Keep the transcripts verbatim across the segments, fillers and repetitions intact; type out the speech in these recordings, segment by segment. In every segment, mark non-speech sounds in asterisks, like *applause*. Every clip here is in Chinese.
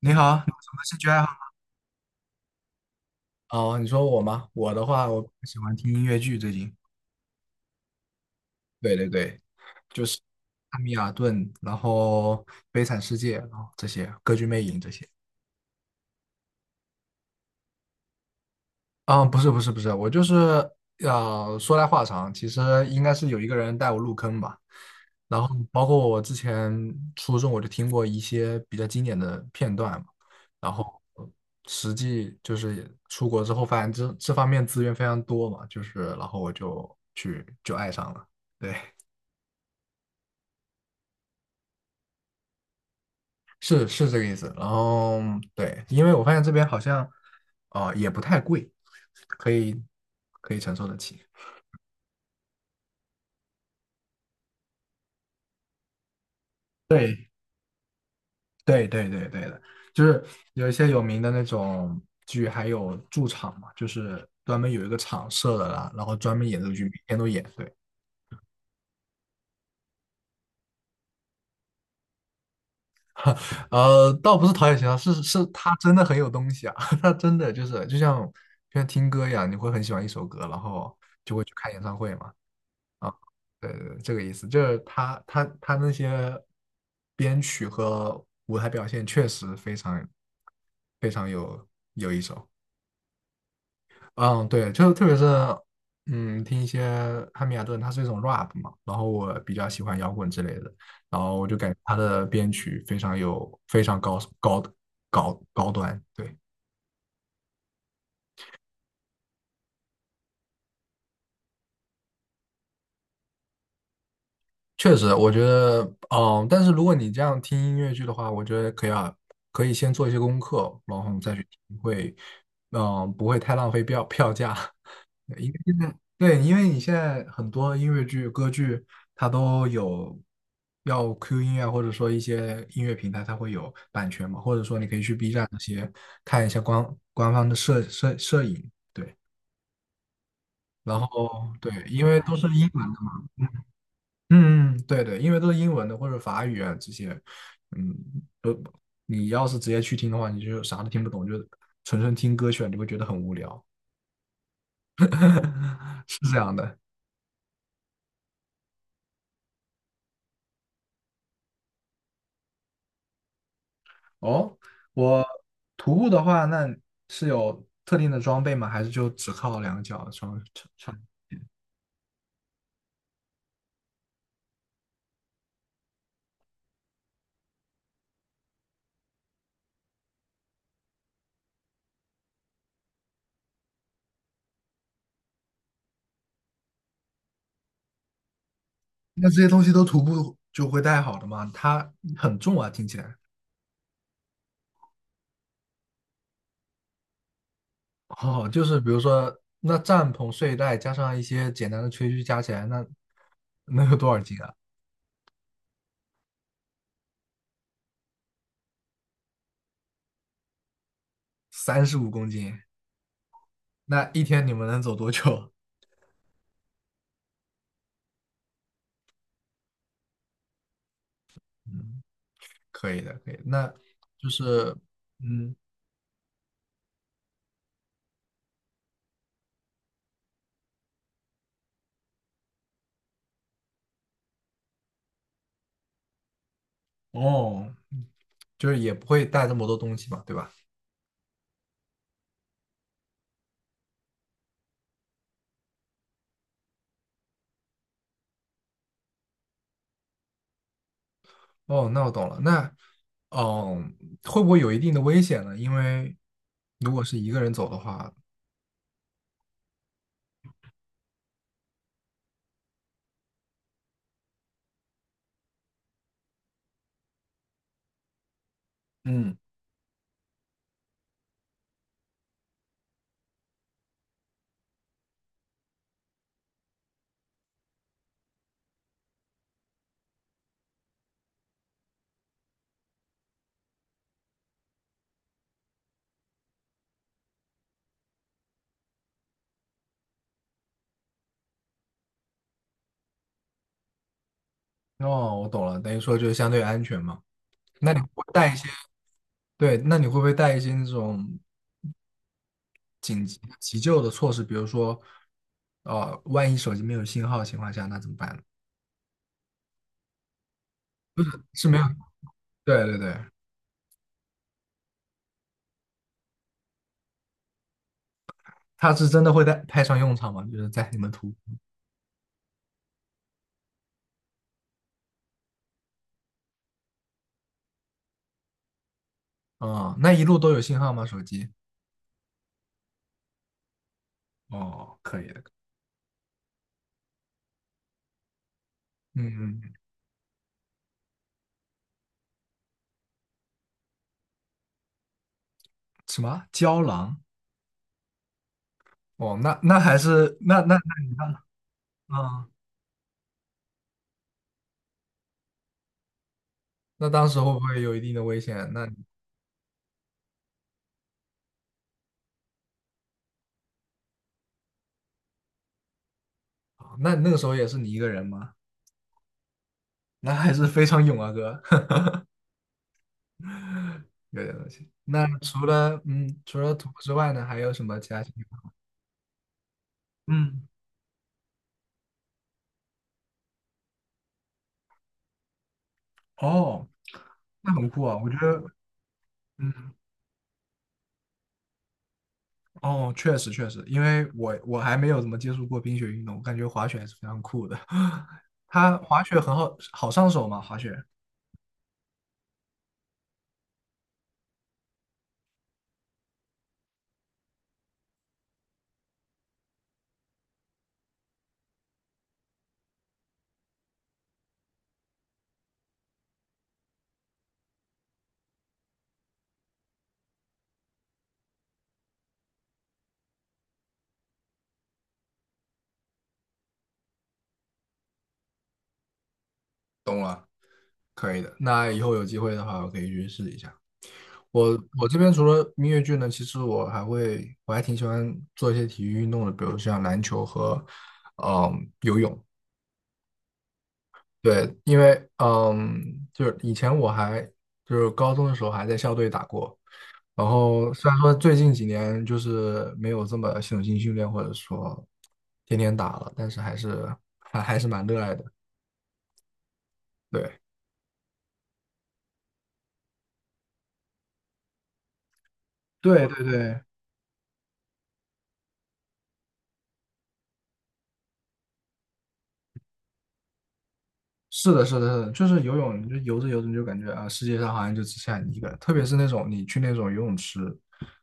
你好，你有什么兴趣爱好？哦，你说我吗？我的话，我喜欢听音乐剧，最近对对对，就是《汉米尔顿》，然后《悲惨世界》，然后这些《歌剧魅影》这些。啊，不是不是不是，我就是呃，说来话长，其实应该是有一个人带我入坑吧。然后包括我之前初中我就听过一些比较经典的片段嘛，然后呃实际就是出国之后发现这这方面资源非常多嘛，就是然后我就去就爱上了，对，是是这个意思。然后对，因为我发现这边好像啊、呃也不太贵，可以可以承受得起。对，对对对对的，就是有一些有名的那种剧，还有驻场嘛，就是专门有一个场设的啦，然后专门演这个剧，每天都演。对，呃，倒不是陶冶情操，是是他真的很有东西啊，*laughs* 他真的就是就像就像听歌一样，你会很喜欢一首歌，然后就会去看演唱会嘛。啊，对对，对这个意思，就是他他他那些编曲和舞台表现确实非常非常有有一手。嗯，对，就是特别是，嗯，听一些汉密尔顿，它是一种 rap 嘛，然后我比较喜欢摇滚之类的，然后我就感觉他的编曲非常有非常高高高高端，对，确实，我觉得，嗯，但是如果你这样听音乐剧的话，我觉得可以啊，可以先做一些功课，然后再去听，会，嗯，不会太浪费票票价。*laughs* 对，因为你现在很多音乐剧、歌剧，它都有要 Q 音乐，或者说一些音乐平台，它会有版权嘛，或者说你可以去 B 站那些看一下官官方的摄摄摄影，对，然后对，因为都是英文的嘛，嗯，嗯，嗯对对，因为都是英文的或者法语啊这些，嗯，都你要是直接去听的话，你就啥都听不懂，就纯纯听歌曲啊，你会觉得很无聊。*laughs* 是这样的。哦，我徒步的话，那是有特定的装备吗？还是就只靠两个脚穿穿穿？那这些东西都徒步就会带好的吗？它很重啊，听起来。哦，就是比如说，那帐篷、睡袋加上一些简单的炊具加起来，那能有多少斤啊？三十五公斤，那一天你们能走多久？嗯，可以的，可以的。那就是，嗯，哦，就是也不会带这么多东西嘛，对吧？哦，那我懂了。那，嗯，会不会有一定的危险呢？因为如果是一个人走的话，嗯，哦，我懂了，等于说就是相对安全嘛。那你会不会带一些，对，那你会不会带一些那种紧急急救的措施？比如说，呃，万一手机没有信号的情况下，那怎么办呢？是没有，对对对，它是真的会带派上用场吗？就是在你们途，啊、那一路都有信号吗？手机？哦，可以的。嗯，什么胶囊？哦，那那还是那那嗯，那当时会不会有一定的危险？那啊那那个时候也是你一个人吗？那还是非常勇啊，哥，*laughs* 有点东西。那除了嗯，除了徒步之外呢，还有什么其他兴趣吗？嗯，哦，那很酷啊，我觉得嗯，哦，确实确实，因为我我还没有怎么接触过冰雪运动，我感觉滑雪还是非常酷的。*laughs* *gasps* 它滑雪很好好上手嘛，滑雪。懂了，可以的。那以后有机会的话，我可以去试一下。我我这边除了音乐剧呢，其实我还会，我还挺喜欢做一些体育运动的，比如像篮球和，嗯，对，因为嗯，就是以前我还就是高中的时候还在校队打过，然后虽然说最近几年就是没有这么系统性训练或者说天天打了，但是还是还还是蛮热爱的。对，对对对，是的，是的，是的，就是游泳，你就游着游着，你就感觉啊，世界上好像就只剩下你一个人，特别是那种你去那种游泳池，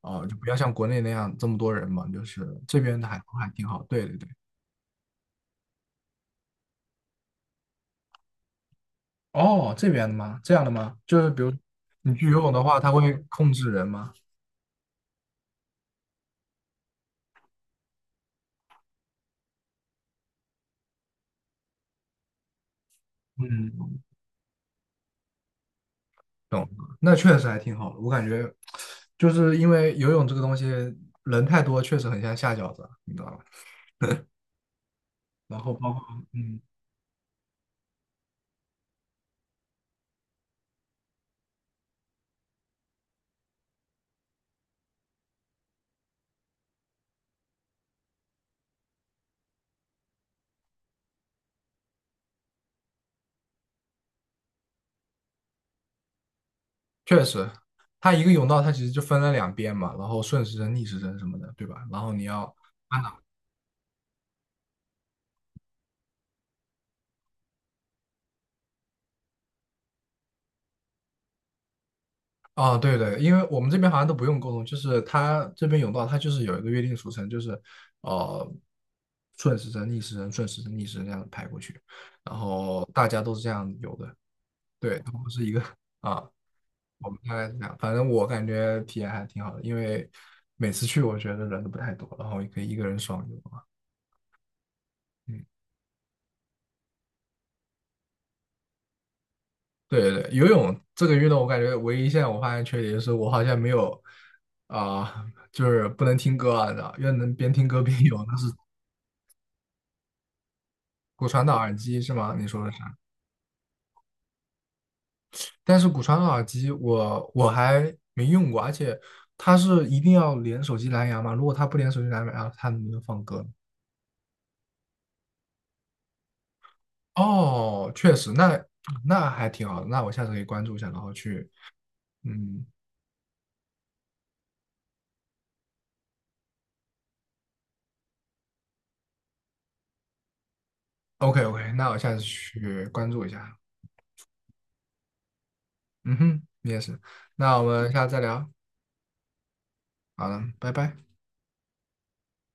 啊、就不要像国内那样这么多人嘛，就是这边的还都还挺好。对对对，哦，这边的吗？这样的吗？就是比如你去游泳的话，它会控制人吗？嗯，懂了，那确实还挺好的。我感觉就是因为游泳这个东西人太多，确实很像下饺子，你知道吧？然后包括嗯，确实，它一个甬道，它其实就分了两边嘛，然后顺时针、逆时针什么的，对吧？然后你要按哪？哦，对对，因为我们这边好像都不用沟通，就是它这边甬道，它就是有一个约定俗成，就是呃顺时针、逆时针、顺时针、逆时针这样排过去，然后大家都是这样游的，对，都不是一个啊，我们大概是这样，反正我感觉体验还挺好的，因为每次去我觉得人都不太多，然后也可以一个人爽游啊。嗯对对对，游泳这个运动，我感觉唯一现在我发现缺点就是我好像没有啊、就是不能听歌啊，你知道，要能边听歌边游，那是骨传导耳机是吗？你说的是？但是骨传导耳机我我还没用过，而且它是一定要连手机蓝牙吗？如果它不连手机蓝牙，它能不能放歌呢？哦，确实，那那还挺好的，那我下次可以关注一下，然后去，嗯，OK OK，那我下次去关注一下。嗯哼，你也是，那我们下次再聊。好了，拜拜。